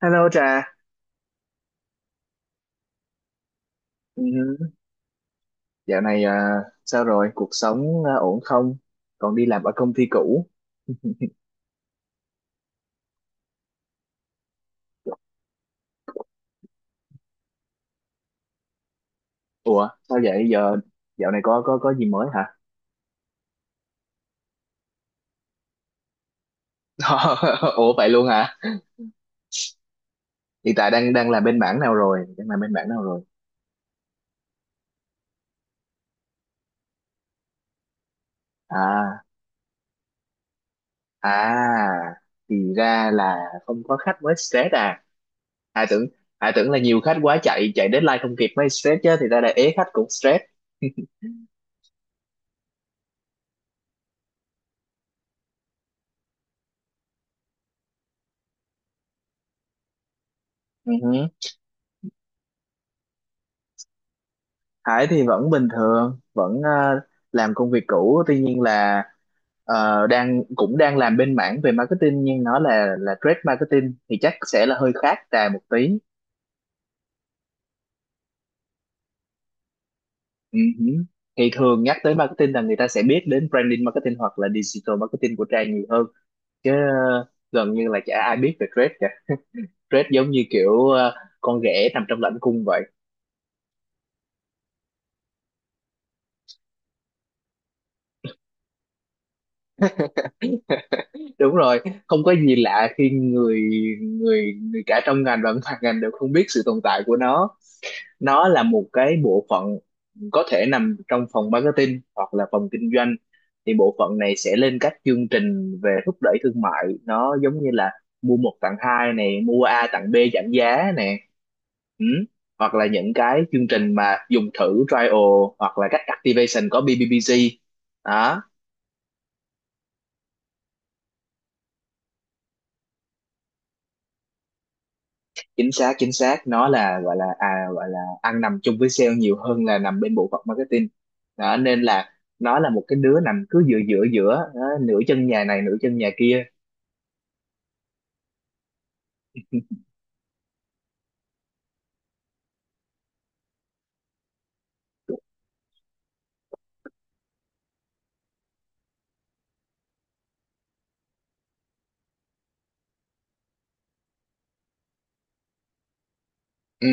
Hello Trà. Ừ, dạo này à, sao rồi? Cuộc sống à, ổn không? Còn đi làm ở công ty cũ? Ủa, sao vậy? Giờ dạo này có gì mới hả? Ủa vậy luôn hả? Hiện tại đang đang làm bên mảng nào rồi? Đang làm bên mảng nào rồi? À, à, thì ra là không có khách mới stress à? Ai tưởng Ai tưởng là nhiều khách quá chạy chạy deadline không kịp mới stress chứ, thì ra là ế khách cũng stress. Ừ, Hải thì vẫn bình thường, vẫn làm công việc cũ, tuy nhiên là cũng đang làm bên mảng về marketing, nhưng nó là trade marketing thì chắc sẽ là hơi khác Trà một tí. Ừ hử. Thì thường nhắc tới marketing là người ta sẽ biết đến branding marketing hoặc là digital marketing của Trà nhiều hơn, chứ ờ, gần như là chả ai biết về trade cả. Trade giống như kiểu con ghẻ nằm trong lãnh cung vậy. Đúng rồi, không có gì lạ khi người người người cả trong ngành và ngoài ngành đều không biết sự tồn tại của nó. Nó là một cái bộ phận có thể nằm trong phòng marketing hoặc là phòng kinh doanh. Thì bộ phận này sẽ lên các chương trình về thúc đẩy thương mại, nó giống như là mua một tặng hai này, mua A tặng B, giảm giá nè. Ừ. Hoặc là những cái chương trình mà dùng thử trial, hoặc là các activation có BBBG đó. Chính xác, chính xác, nó là gọi là gọi là ăn nằm chung với sale nhiều hơn là nằm bên bộ phận marketing đó. Nên là nó là một cái đứa nằm cứ giữa giữa giữa đó, nửa chân nhà này nửa chân nhà kia. Ừ,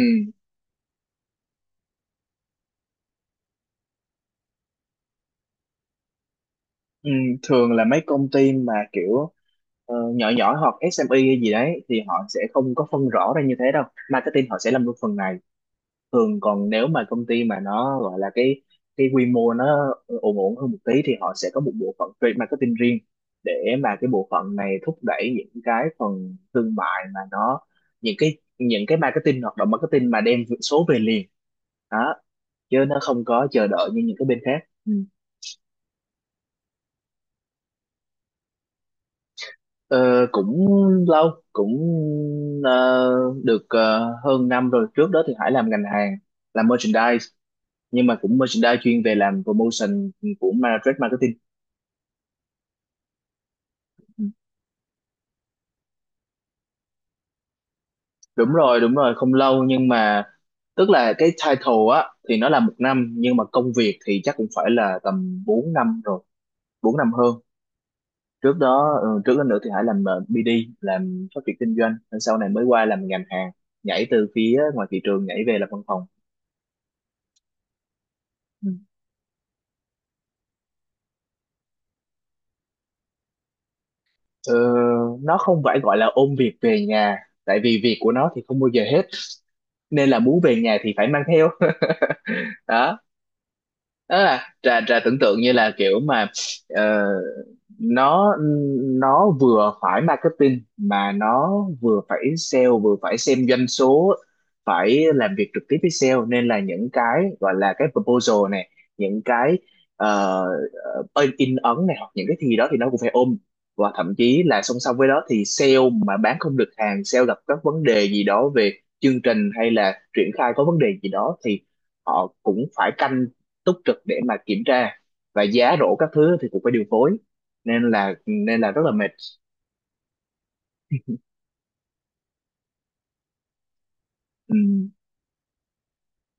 ừ, thường là mấy công ty mà kiểu nhỏ nhỏ hoặc SME hay gì đấy thì họ sẽ không có phân rõ ra như thế đâu, marketing họ sẽ làm luôn phần này. Thường còn nếu mà công ty mà nó gọi là cái quy mô nó ổn ổn hơn một tí thì họ sẽ có một bộ phận trade marketing riêng, để mà cái bộ phận này thúc đẩy những cái phần thương mại mà nó, những cái marketing, hoạt động marketing mà đem số về liền đó, chứ nó không có chờ đợi như những cái bên khác. Ừ. Ờ, cũng lâu, cũng ờ, được, hơn 1 năm rồi. Trước đó thì Hải làm ngành hàng, làm merchandise, nhưng mà cũng merchandise chuyên về làm promotion của trade marketing. Ừ. Đúng rồi, đúng rồi, không lâu nhưng mà tức là cái title á thì nó là 1 năm, nhưng mà công việc thì chắc cũng phải là tầm 4 năm rồi, 4 năm hơn. Trước đó Ừ, trước đó nữa thì Hải làm BD, làm phát triển kinh doanh. Rồi sau này mới qua làm ngành hàng, nhảy từ phía ngoài thị trường nhảy về làm văn phòng. Ừ. Ờ, nó không phải gọi là ôm việc về nhà, tại vì việc của nó thì không bao giờ hết, nên là muốn về nhà thì phải mang theo. Đó, đó là trà trà tưởng tượng như là kiểu mà ờ, nó nó vừa phải marketing mà nó vừa phải sale, vừa phải xem doanh số, phải làm việc trực tiếp với sale. Nên là những cái gọi là cái proposal này, những cái ờ, in ấn này, hoặc những cái gì đó thì nó cũng phải ôm. Và thậm chí là song song với đó thì sale mà bán không được hàng, sale gặp các vấn đề gì đó về chương trình hay là triển khai có vấn đề gì đó thì họ cũng phải canh túc trực để mà kiểm tra, và giá rổ các thứ thì cũng phải điều phối. Nên là nên là rất là mệt. Ừm,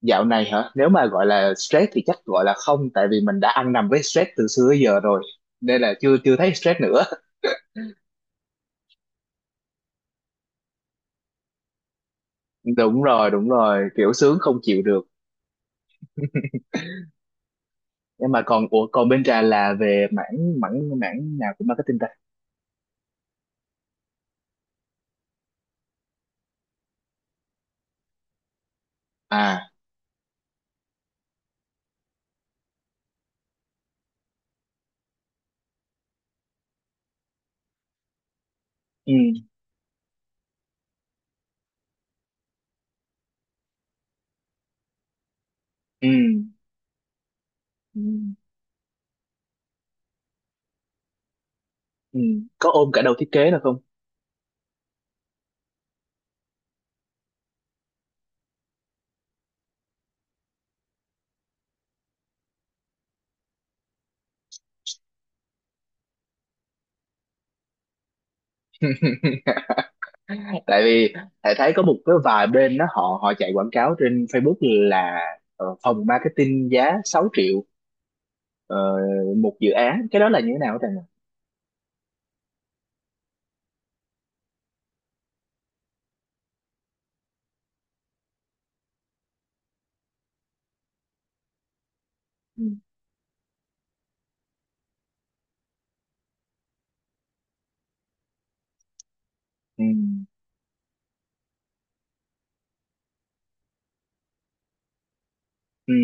dạo này hả, nếu mà gọi là stress thì chắc gọi là không, tại vì mình đã ăn nằm với stress từ xưa tới giờ rồi, nên là chưa chưa thấy stress nữa. Đúng rồi, đúng rồi, kiểu sướng không chịu được. Nhưng mà còn ủa, còn bên trà là về mảng mảng mảng nào của marketing ta? À. Ừ. Ừ. Ừ. Ừ. Có ôm cả đầu thiết kế là không? Tại vì thầy thấy có một cái vài bên đó họ họ chạy quảng cáo trên Facebook là phòng marketing giá 6 triệu, ờ, một dự án, cái đó là như thế nào thầy nhỉ? Ừ. Ừ. Ừ.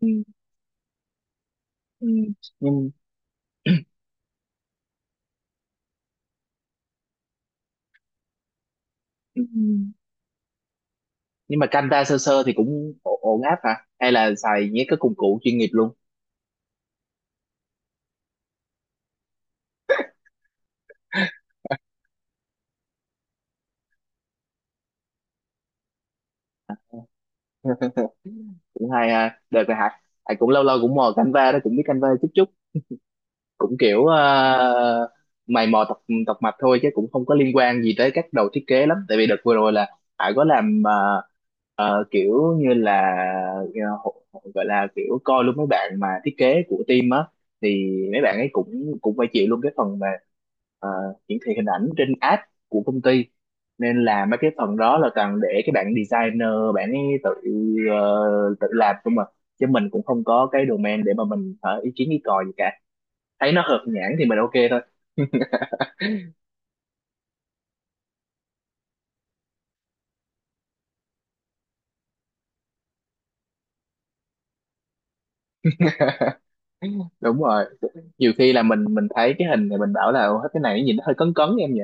Ừ. Ừ. Nhưng, ừ, nhưng mà Canva sơ sơ thì cũng ổn áp hả, hay là xài những cái công cụ chuyên nghiệp luôn? Cũng hay ha, được rồi hả. Thầy cũng lâu lâu cũng mò Canva đó, cũng biết Canva chút chút, cũng kiểu mày mò tập tập mạch thôi, chứ cũng không có liên quan gì tới các đầu thiết kế lắm. Tại vì đợt vừa rồi là Hải có làm kiểu như là gọi là kiểu coi luôn mấy bạn mà thiết kế của team á, thì mấy bạn ấy cũng cũng phải chịu luôn cái phần mà ờ, hiển thị hình ảnh trên app của công ty, nên là mấy cái phần đó là toàn để cái bạn designer, bạn ấy tự tự làm không mà, chứ mình cũng không có cái domain để mà mình ý kiến ý cò gì cả, thấy nó hợp nhãn thì mình ok thôi. Đúng rồi, nhiều khi là mình thấy cái hình này, mình bảo là "Ủa, cái này nó nhìn nó hơi cấn cấn em nhỉ."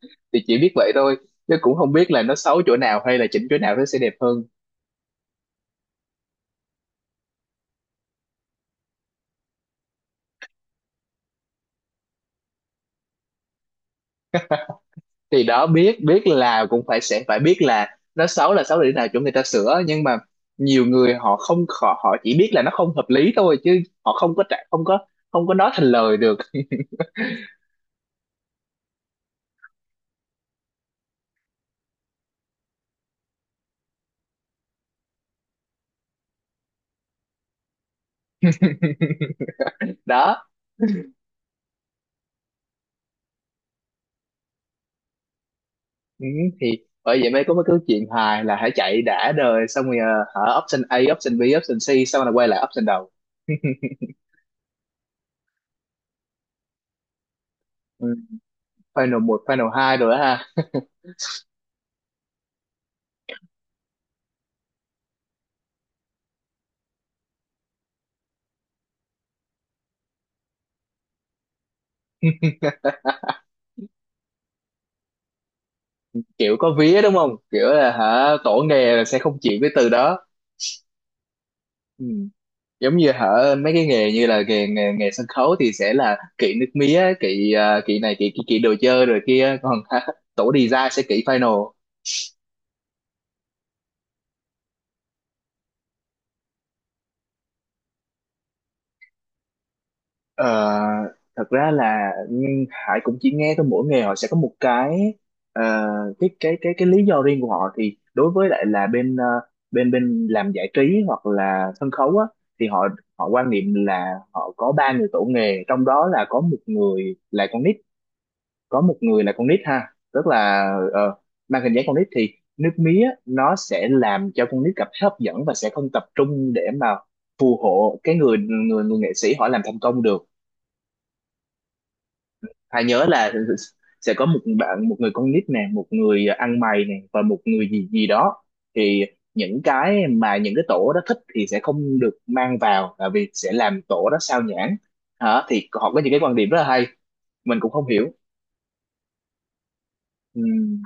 Thì chỉ biết vậy thôi, chứ cũng không biết là nó xấu chỗ nào hay là chỉnh chỗ nào nó sẽ đẹp hơn. Thì đó, biết biết là cũng phải, sẽ phải biết là nó xấu là xấu để nào, chỗ người ta sửa. Nhưng mà nhiều người họ không, họ chỉ biết là nó không hợp lý thôi, chứ họ không có trả, không có, không có nói thành lời được. Đó. Ừ, thì bởi vậy mới có mấy cái chuyện hài là hãy chạy đã đời xong rồi hả, option A, option B, option C, xong rồi quay lại option đầu. Ừ. Final một, final hai rồi đó ha. Kiểu có vía đúng không, kiểu là hả, tổ nghề là sẽ không chịu cái từ đó. Ừ. Giống như hả, mấy cái nghề như là nghề nghề, nghề sân khấu thì sẽ là kỵ nước mía, kỵ kỵ này, kỵ kỵ, kỵ đồ chơi rồi kia còn, hả, tổ design sẽ kỵ final. Ờ, thật ra là nhưng Hải cũng chỉ nghe thôi, mỗi nghề họ sẽ có một cái ờ, cái lý do riêng của họ. Thì đối với lại là bên bên bên làm giải trí hoặc là sân khấu á, thì họ họ quan niệm là họ có ba người tổ nghề, trong đó là có một người là con nít, có một người là con nít ha tức là ờ, mang hình dáng con nít, thì nước mía nó sẽ làm cho con nít cảm thấy hấp dẫn và sẽ không tập trung để mà phù hộ cái người người người nghệ sĩ họ làm thành công được. Hà nhớ là sẽ có một người con nít nè, một người ăn mày nè, và một người gì gì đó. Thì những cái tổ đó thích thì sẽ không được mang vào, là vì sẽ làm tổ đó sao nhãng. Hả, thì họ có những cái quan điểm rất là hay, mình cũng không hiểu. Ừm.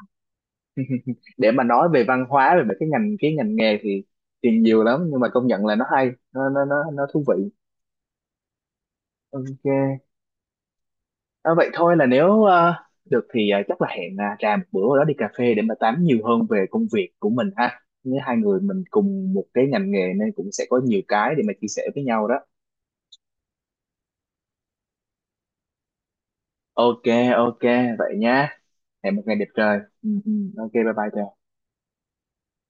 Để mà nói về văn hóa, về mấy cái ngành, cái ngành nghề thì nhiều lắm, nhưng mà công nhận là nó hay, nó thú vị. Ok. À, vậy thôi, là nếu được thì chắc là hẹn trà một bữa đó đi cà phê để mà tám nhiều hơn về công việc của mình ha. Nếu hai người mình cùng một cái ngành nghề nên cũng sẽ có nhiều cái để mà chia sẻ với nhau đó. Ok, ok, vậy nha. Hẹn một ngày đẹp trời. Ừ, ừ. Ok, bye bye Trà.